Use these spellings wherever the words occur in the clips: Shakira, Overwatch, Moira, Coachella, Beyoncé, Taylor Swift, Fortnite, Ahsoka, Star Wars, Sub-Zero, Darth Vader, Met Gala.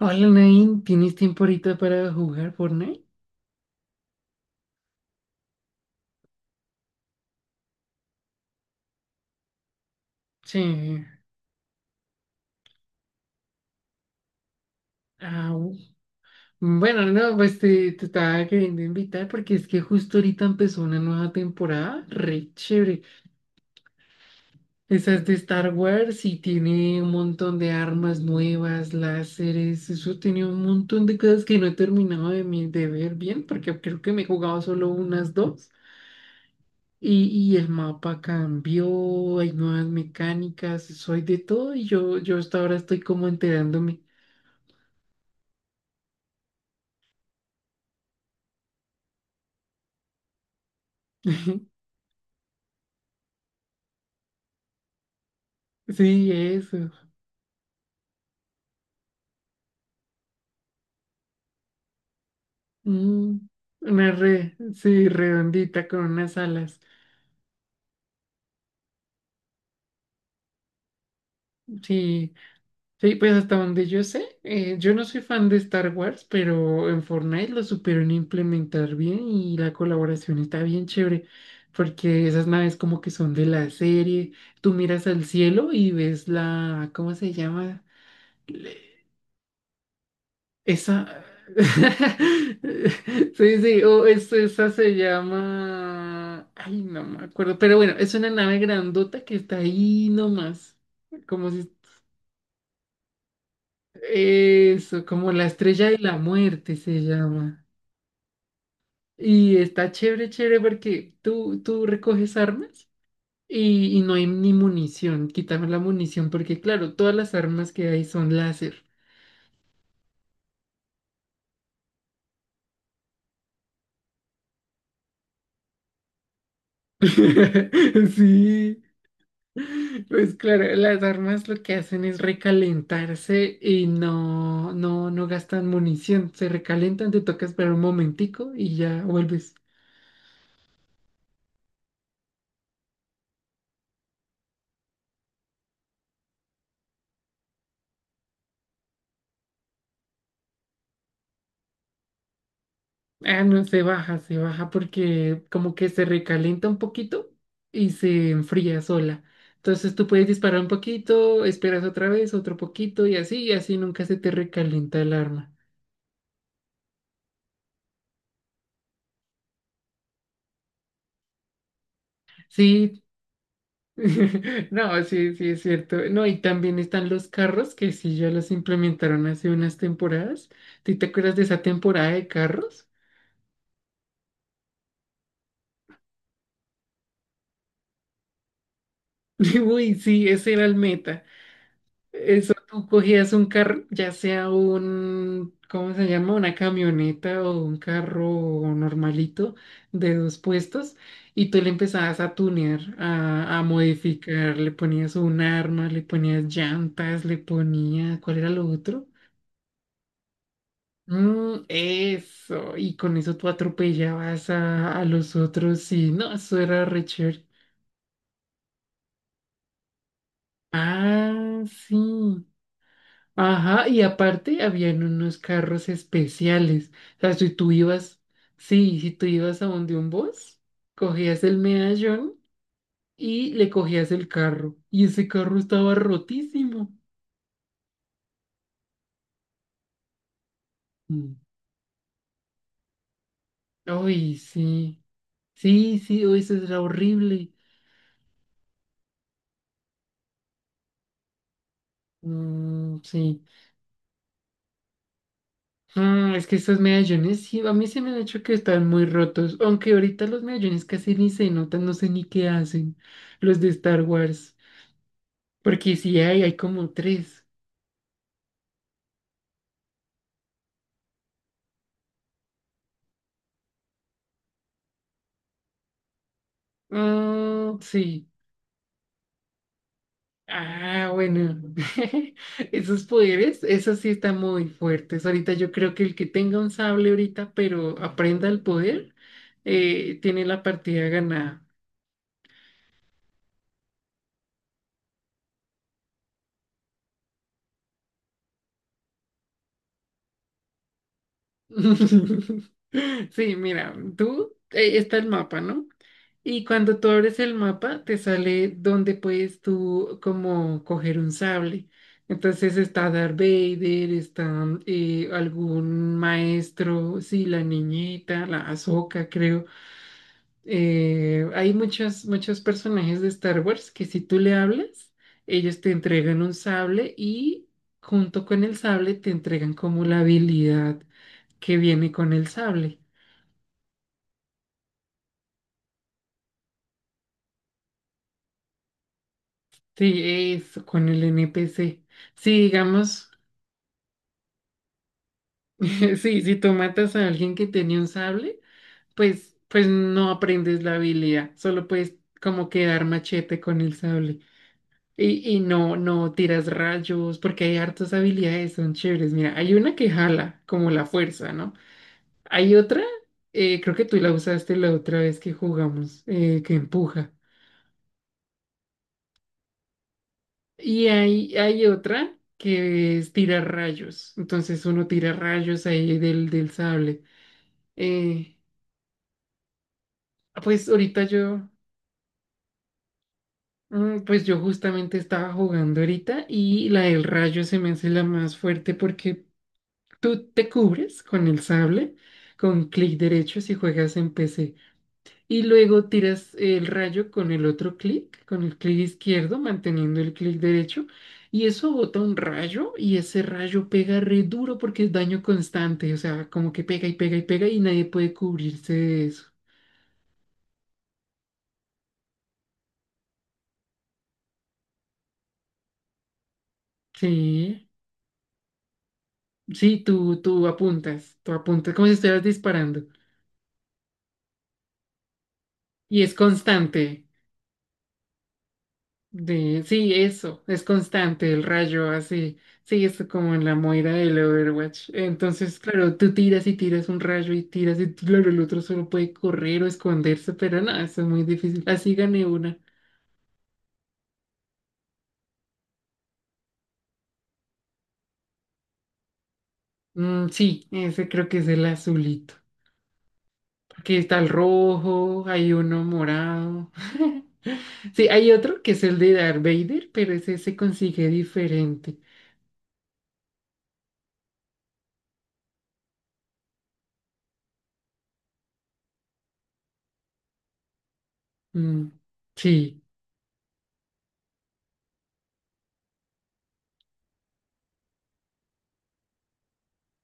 Hola, Nain, ¿tienes tiempo ahorita para jugar Fortnite? Sí. Au. Bueno, no, pues te estaba queriendo invitar porque es que justo ahorita empezó una nueva temporada, re chévere. Esa es de Star Wars y tiene un montón de armas nuevas, láseres, eso tiene un montón de cosas que no he terminado de, de ver bien porque creo que me he jugado solo unas dos. Y, y el mapa cambió, hay nuevas mecánicas, soy de todo y yo hasta ahora estoy como enterándome. Sí, eso. Mm, una red, sí, redondita con unas alas. Sí, sí, pues hasta donde yo sé, yo no soy fan de Star Wars, pero en Fortnite lo supieron implementar bien y la colaboración está bien chévere, porque esas naves como que son de la serie. Tú miras al cielo y ves la, ¿cómo se llama? Esa. Sí, sí, esa se llama. Ay, no me acuerdo. Pero bueno, es una nave grandota que está ahí nomás. Como si. Eso, como la estrella de la muerte se llama. Y está chévere, porque tú recoges armas y no hay ni munición. Quítame la munición, porque claro, todas las armas que hay son láser. Sí. Pues claro, las armas lo que hacen es recalentarse y no gastan munición. Se recalentan, te toca esperar un momentico y ya vuelves. Ah, no, se baja porque como que se recalienta un poquito y se enfría sola. Entonces tú puedes disparar un poquito, esperas otra vez, otro poquito y y así nunca se te recalienta el arma. Sí, No, sí, sí, es cierto. No, y también están los carros que sí ya los implementaron hace unas temporadas. ¿Tú te acuerdas de esa temporada de carros? Uy, sí, ese era el meta. Eso, tú cogías un carro, ya sea un, ¿cómo se llama? Una camioneta o un carro normalito de dos puestos, y tú le empezabas a tunear, a modificar, le ponías un arma, le ponías llantas, le ponías, ¿cuál era lo otro? Mm, eso, y con eso tú atropellabas a los otros, sí, no, eso era re chévere. Ah, sí. Ajá, y aparte habían unos carros especiales. O sea, si tú ibas, sí, si tú ibas a donde un bus, cogías el medallón y le cogías el carro. Y ese carro estaba rotísimo. Mm. Ay, sí. Sí, uy, eso era horrible. Mm, sí. Ah, es que estos medallones, sí, a mí se me han hecho que están muy rotos, aunque ahorita los medallones casi ni se notan, no sé ni qué hacen, los de Star Wars, porque sí hay como tres. Ah, sí. Ah, bueno, esos poderes, esos sí están muy fuertes. Ahorita yo creo que el que tenga un sable ahorita, pero aprenda el poder, tiene la partida ganada. Sí, mira, tú, está el mapa, ¿no? Y cuando tú abres el mapa, te sale donde puedes tú como coger un sable. Entonces está Darth Vader, está algún maestro, sí, la niñita, la Ahsoka, creo. Hay muchos personajes de Star Wars que si tú le hablas, ellos te entregan un sable y junto con el sable te entregan como la habilidad que viene con el sable. Sí, eso, con el NPC. Sí, digamos, sí, si tú matas a alguien que tenía un sable, pues no aprendes la habilidad, solo puedes como quedar machete con el sable. Y no tiras rayos, porque hay hartas habilidades, son chéveres. Mira, hay una que jala, como la fuerza, ¿no? Hay otra, creo que tú la usaste la otra vez que jugamos, que empuja. Y hay otra que es tirar rayos. Entonces uno tira rayos ahí del sable. Eh, pues ahorita mm, pues yo justamente estaba jugando ahorita y la del rayo se me hace la más fuerte porque tú te cubres con el sable, con clic derecho si juegas en PC. Y luego tiras el rayo con el otro clic, con el clic izquierdo, manteniendo el clic derecho. Y eso bota un rayo y ese rayo pega re duro porque es daño constante. O sea, como que pega y pega y pega y nadie puede cubrirse de eso. Sí, sí, tú apuntas como si estuvieras disparando. Y es constante. Sí, eso, es constante el rayo así, sí, es como en la moira del Overwatch. Entonces, claro, tú tiras y tiras un rayo y tiras y claro, el otro solo puede correr o esconderse, pero no, eso es muy difícil. Así gané una. Mm, sí, ese creo que es el azulito. Porque está el rojo, hay uno morado. Sí, hay otro que es el de Darth Vader, pero ese se consigue diferente. Mm, sí.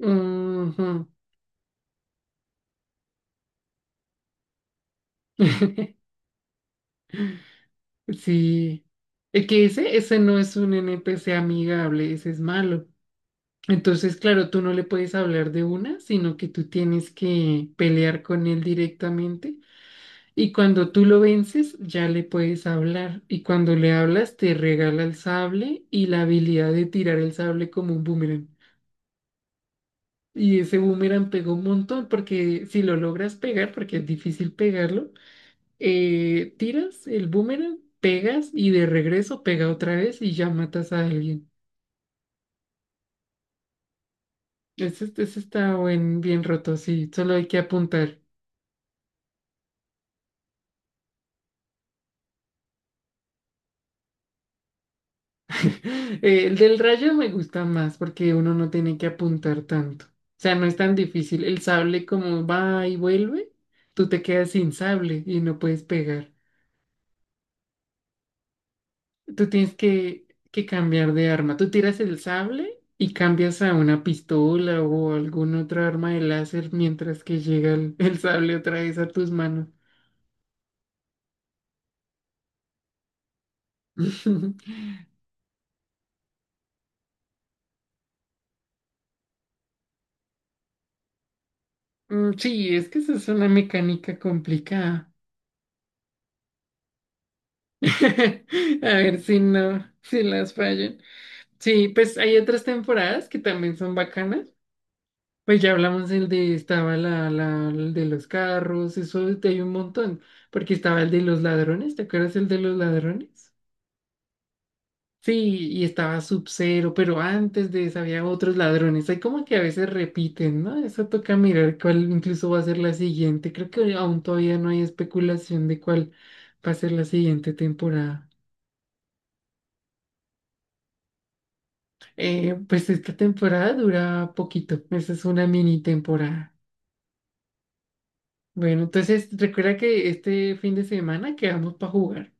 Ujú. Sí, es que ese no es un NPC amigable, ese es malo. Entonces, claro, tú no le puedes hablar de una, sino que tú tienes que pelear con él directamente y cuando tú lo vences ya le puedes hablar y cuando le hablas te regala el sable y la habilidad de tirar el sable como un boomerang. Y ese boomerang pegó un montón porque si lo logras pegar, porque es difícil pegarlo, tiras el boomerang, pegas y de regreso pega otra vez y ya matas a alguien. Ese está bien roto, sí, solo hay que apuntar. El del rayo me gusta más porque uno no tiene que apuntar tanto. O sea, no es tan difícil. El sable como va y vuelve, tú te quedas sin sable y no puedes pegar. Tú tienes que cambiar de arma. Tú tiras el sable y cambias a una pistola o algún otro arma de láser mientras que llega el, el sable otra vez a tus manos. Mm, sí, es que esa es una mecánica complicada. A ver si no, si las fallan. Sí, pues hay otras temporadas que también son bacanas. Pues ya hablamos el de, estaba el de los carros, eso hay un montón, porque estaba el de los ladrones, ¿te acuerdas el de los ladrones? Sí, y estaba Sub-Zero, pero antes de eso había otros ladrones. Hay como que a veces repiten, ¿no? Eso toca mirar cuál incluso va a ser la siguiente. Creo que aún todavía no hay especulación de cuál va a ser la siguiente temporada. Pues esta temporada dura poquito. Esa es una mini temporada. Bueno, entonces recuerda que este fin de semana quedamos para jugar.